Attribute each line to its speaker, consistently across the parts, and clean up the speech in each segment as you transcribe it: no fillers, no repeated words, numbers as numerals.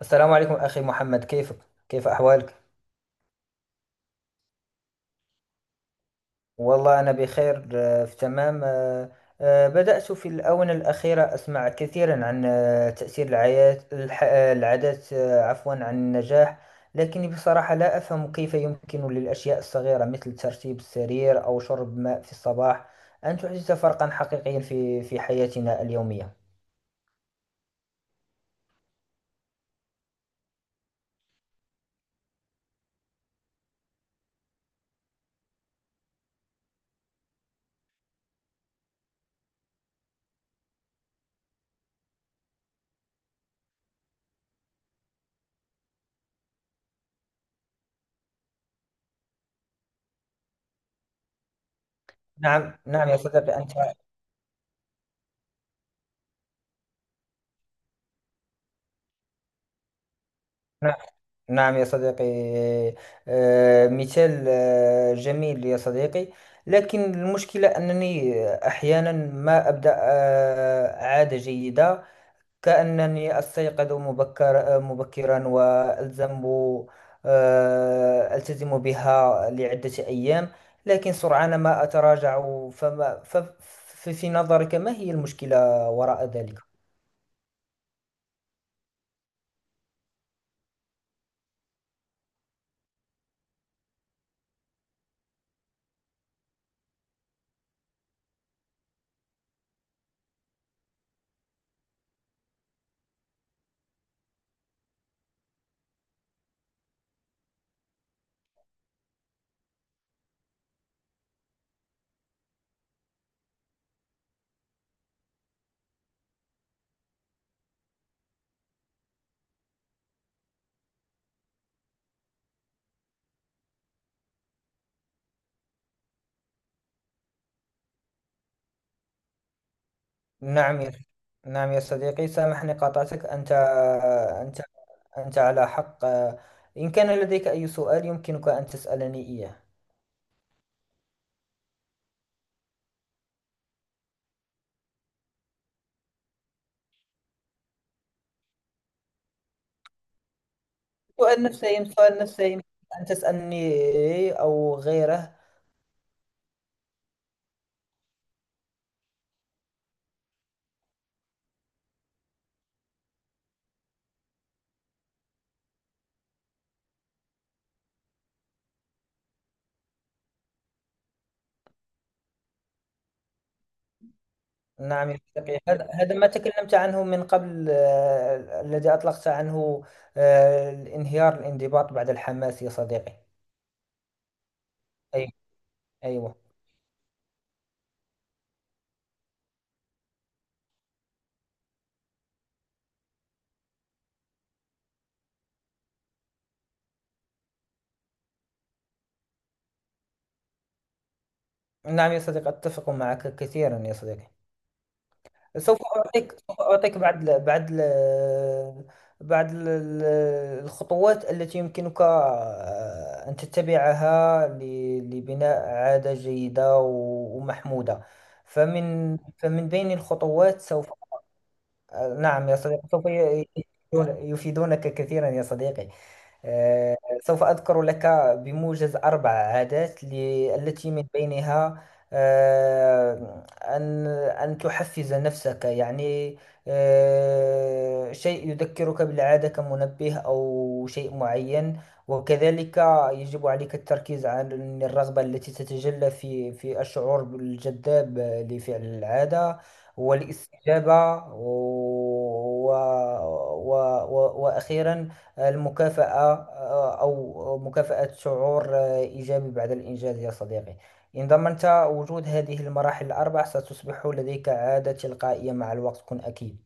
Speaker 1: السلام عليكم أخي محمد، كيفك؟ كيف أحوالك؟ والله أنا بخير، في تمام. بدأت في الآونة الأخيرة أسمع كثيرا عن تأثير العيات الح- آه، العادات، عفوا، عن النجاح. لكني بصراحة لا أفهم كيف يمكن للأشياء الصغيرة مثل ترتيب السرير أو شرب ماء في الصباح أن تحدث فرقا حقيقيا في حياتنا اليومية. نعم، نعم يا صديقي، أنت. نعم. نعم يا صديقي، مثال جميل يا صديقي. لكن المشكلة أنني أحيانا ما أبدأ عادة جيدة، كأنني أستيقظ مبكرا، وألزم آه، ألتزم بها لعدة أيام، لكن سرعان ما أتراجع. في نظرك، ما هي المشكلة وراء ذلك؟ نعم يا نعم يا صديقي، سامحني، قاطعتك. أنت أنت على حق. إن كان لديك أي سؤال، يمكنك أن تسألني إياه. سؤال نفسي يمكن أن تسألني، أو غيره. نعم يا صديقي، هذا ما تكلمت عنه من قبل، الذي أطلقت عنه الانهيار الانضباط بعد الحماس، يا صديقي. أي، أيوه. نعم يا صديقي، أتفق معك كثيرا يا صديقي. سوف أعطيك بعض ال- ال- الخطوات التي يمكنك أن تتبعها لبناء عادة جيدة ومحمودة. فمن بين الخطوات، سوف نعم يا صديقي، سوف يفيدونك كثيرا يا صديقي. آه، سوف أذكر لك بموجز أربع عادات، التي من بينها أن تحفز نفسك، يعني شيء يذكرك بالعادة كمنبه أو شيء معين، وكذلك يجب عليك التركيز عن الرغبة التي تتجلى في الشعور بالجذاب لفعل العادة، والاستجابة، و و و و وأخيرا المكافأة، أو مكافأة، شعور إيجابي بعد الإنجاز يا صديقي. إن ضمنت وجود هذه المراحل الأربع، ستصبح لديك عادة تلقائية مع الوقت، كن أكيد.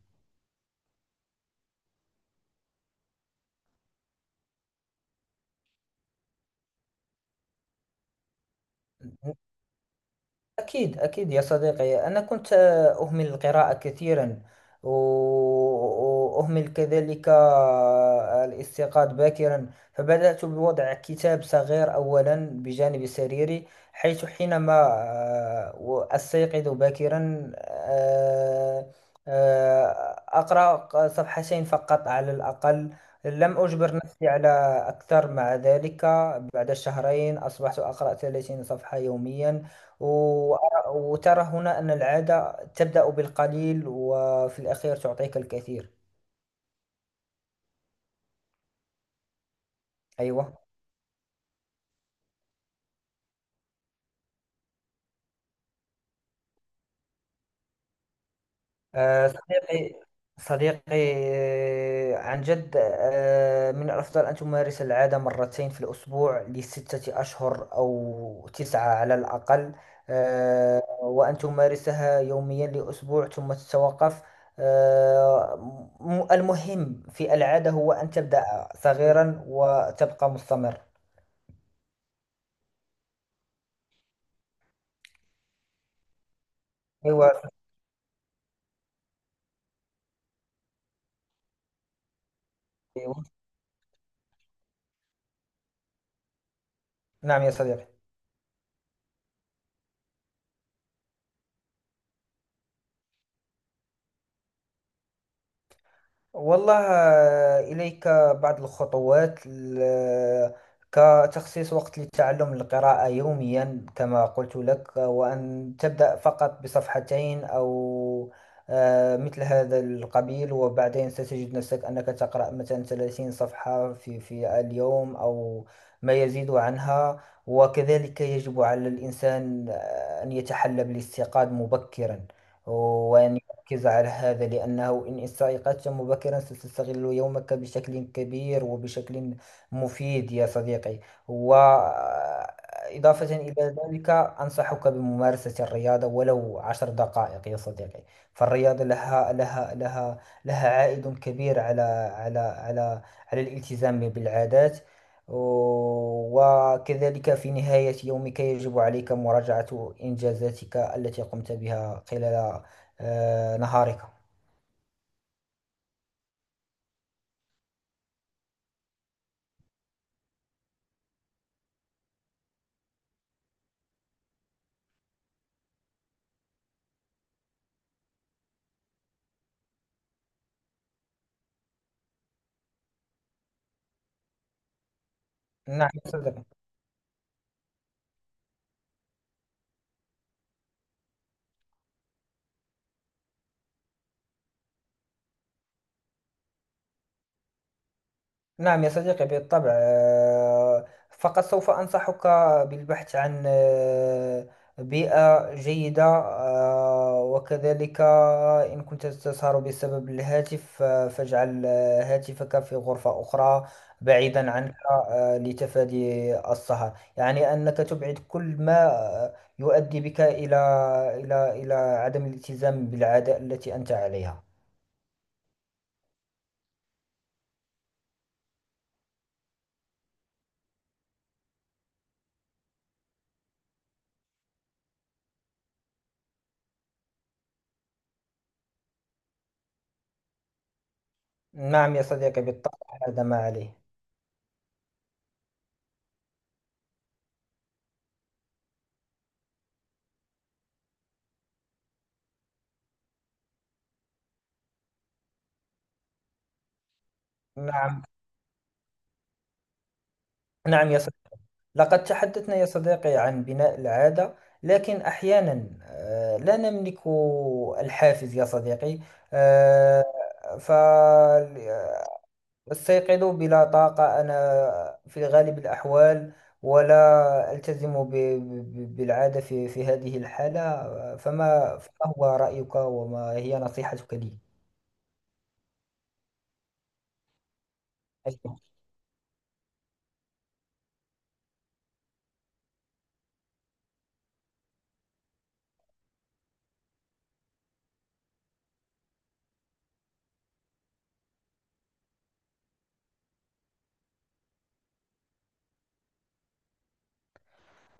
Speaker 1: أكيد، أكيد يا صديقي، أنا كنت أهمل القراءة كثيرا، و- وأهمل كذلك الاستيقاظ باكرا، فبدأت بوضع كتاب صغير أولا بجانب سريري، حينما أستيقظ باكرا، آه، أقرأ صفحتين فقط على الأقل، لم أجبر نفسي على أكثر. مع ذلك بعد شهرين أصبحت أقرأ 30 صفحة يوميا. وترى هنا أن العادة تبدأ بالقليل، وفي الأخير تعطيك الكثير. أيوة. صديقي، صديقي، عن جد، من الأفضل أن تمارس العادة مرتين في الأسبوع لستة أشهر أو تسعة على الأقل، وأن تمارسها يوميا لأسبوع، ثم تتوقف. آه، المهم في العادة هو أن تبدأ صغيرا وتبقى مستمر. أيوة. نعم يا صديقي، والله إليك بعض الخطوات، كتخصيص وقت لتعلم القراءة يوميا، كما قلت لك، وأن تبدأ فقط بصفحتين، أو مثل هذا القبيل، وبعدين ستجد نفسك أنك تقرأ مثلا 30 صفحة في اليوم، أو ما يزيد عنها. وكذلك يجب على الإنسان أن يتحلى بالاستيقاظ مبكرا، وأن ركز على هذا، لأنه إن استيقظت مبكرا، ستستغل يومك بشكل كبير وبشكل مفيد يا صديقي. وإضافة إلى ذلك، أنصحك بممارسة الرياضة ولو 10 دقائق يا صديقي. فالرياضة لها عائد كبير على على على الالتزام بالعادات. وكذلك في نهاية يومك يجب عليك مراجعة إنجازاتك التي قمت بها خلال نهارك. نعم يا صديقي. نعم يا صديقي، بالطبع. فقط سوف أنصحك بالبحث عن بيئة جيدة، وكذلك إن كنت تسهر بسبب الهاتف، فاجعل هاتفك في غرفة أخرى بعيدا عنك، لتفادي السهر، يعني أنك تبعد كل ما يؤدي بك إلى عدم الالتزام بالعادة التي أنت عليها. نعم يا صديقي، بالطبع. هذا ما عليه. نعم، نعم يا صديقي، لقد تحدثنا يا صديقي عن بناء العادة، لكن أحيانا لا نملك الحافز يا صديقي، فاستيقظ بلا طاقة أنا في غالب الأحوال، ولا ألتزم بالعادة في هذه الحالة. فما هو رأيك، وما هي نصيحتك لي؟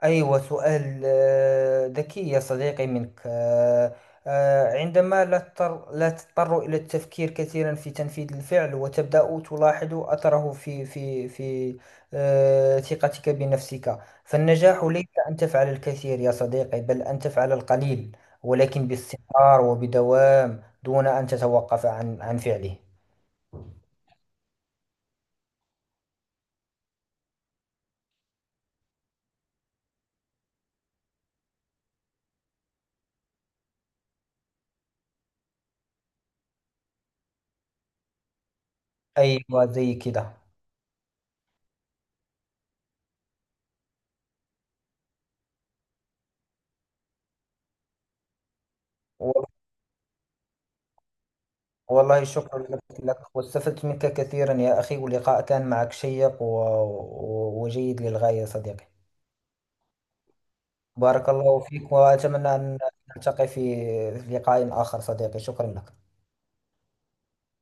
Speaker 1: أيوة، سؤال ذكي يا صديقي منك. عندما لا تضطر إلى التفكير كثيرا في تنفيذ الفعل، وتبدأ تلاحظ أثره في ثقتك بنفسك. فالنجاح ليس أن تفعل الكثير يا صديقي، بل أن تفعل القليل، ولكن باستمرار وبدوام دون أن تتوقف عن فعله. أيوة، زي كده. والله شكرا لك، واستفدت منك كثيرا يا أخي، واللقاء كان معك شيق وجيد للغاية صديقي. بارك الله فيك، وأتمنى أن نلتقي في لقاء آخر صديقي، شكرا لك.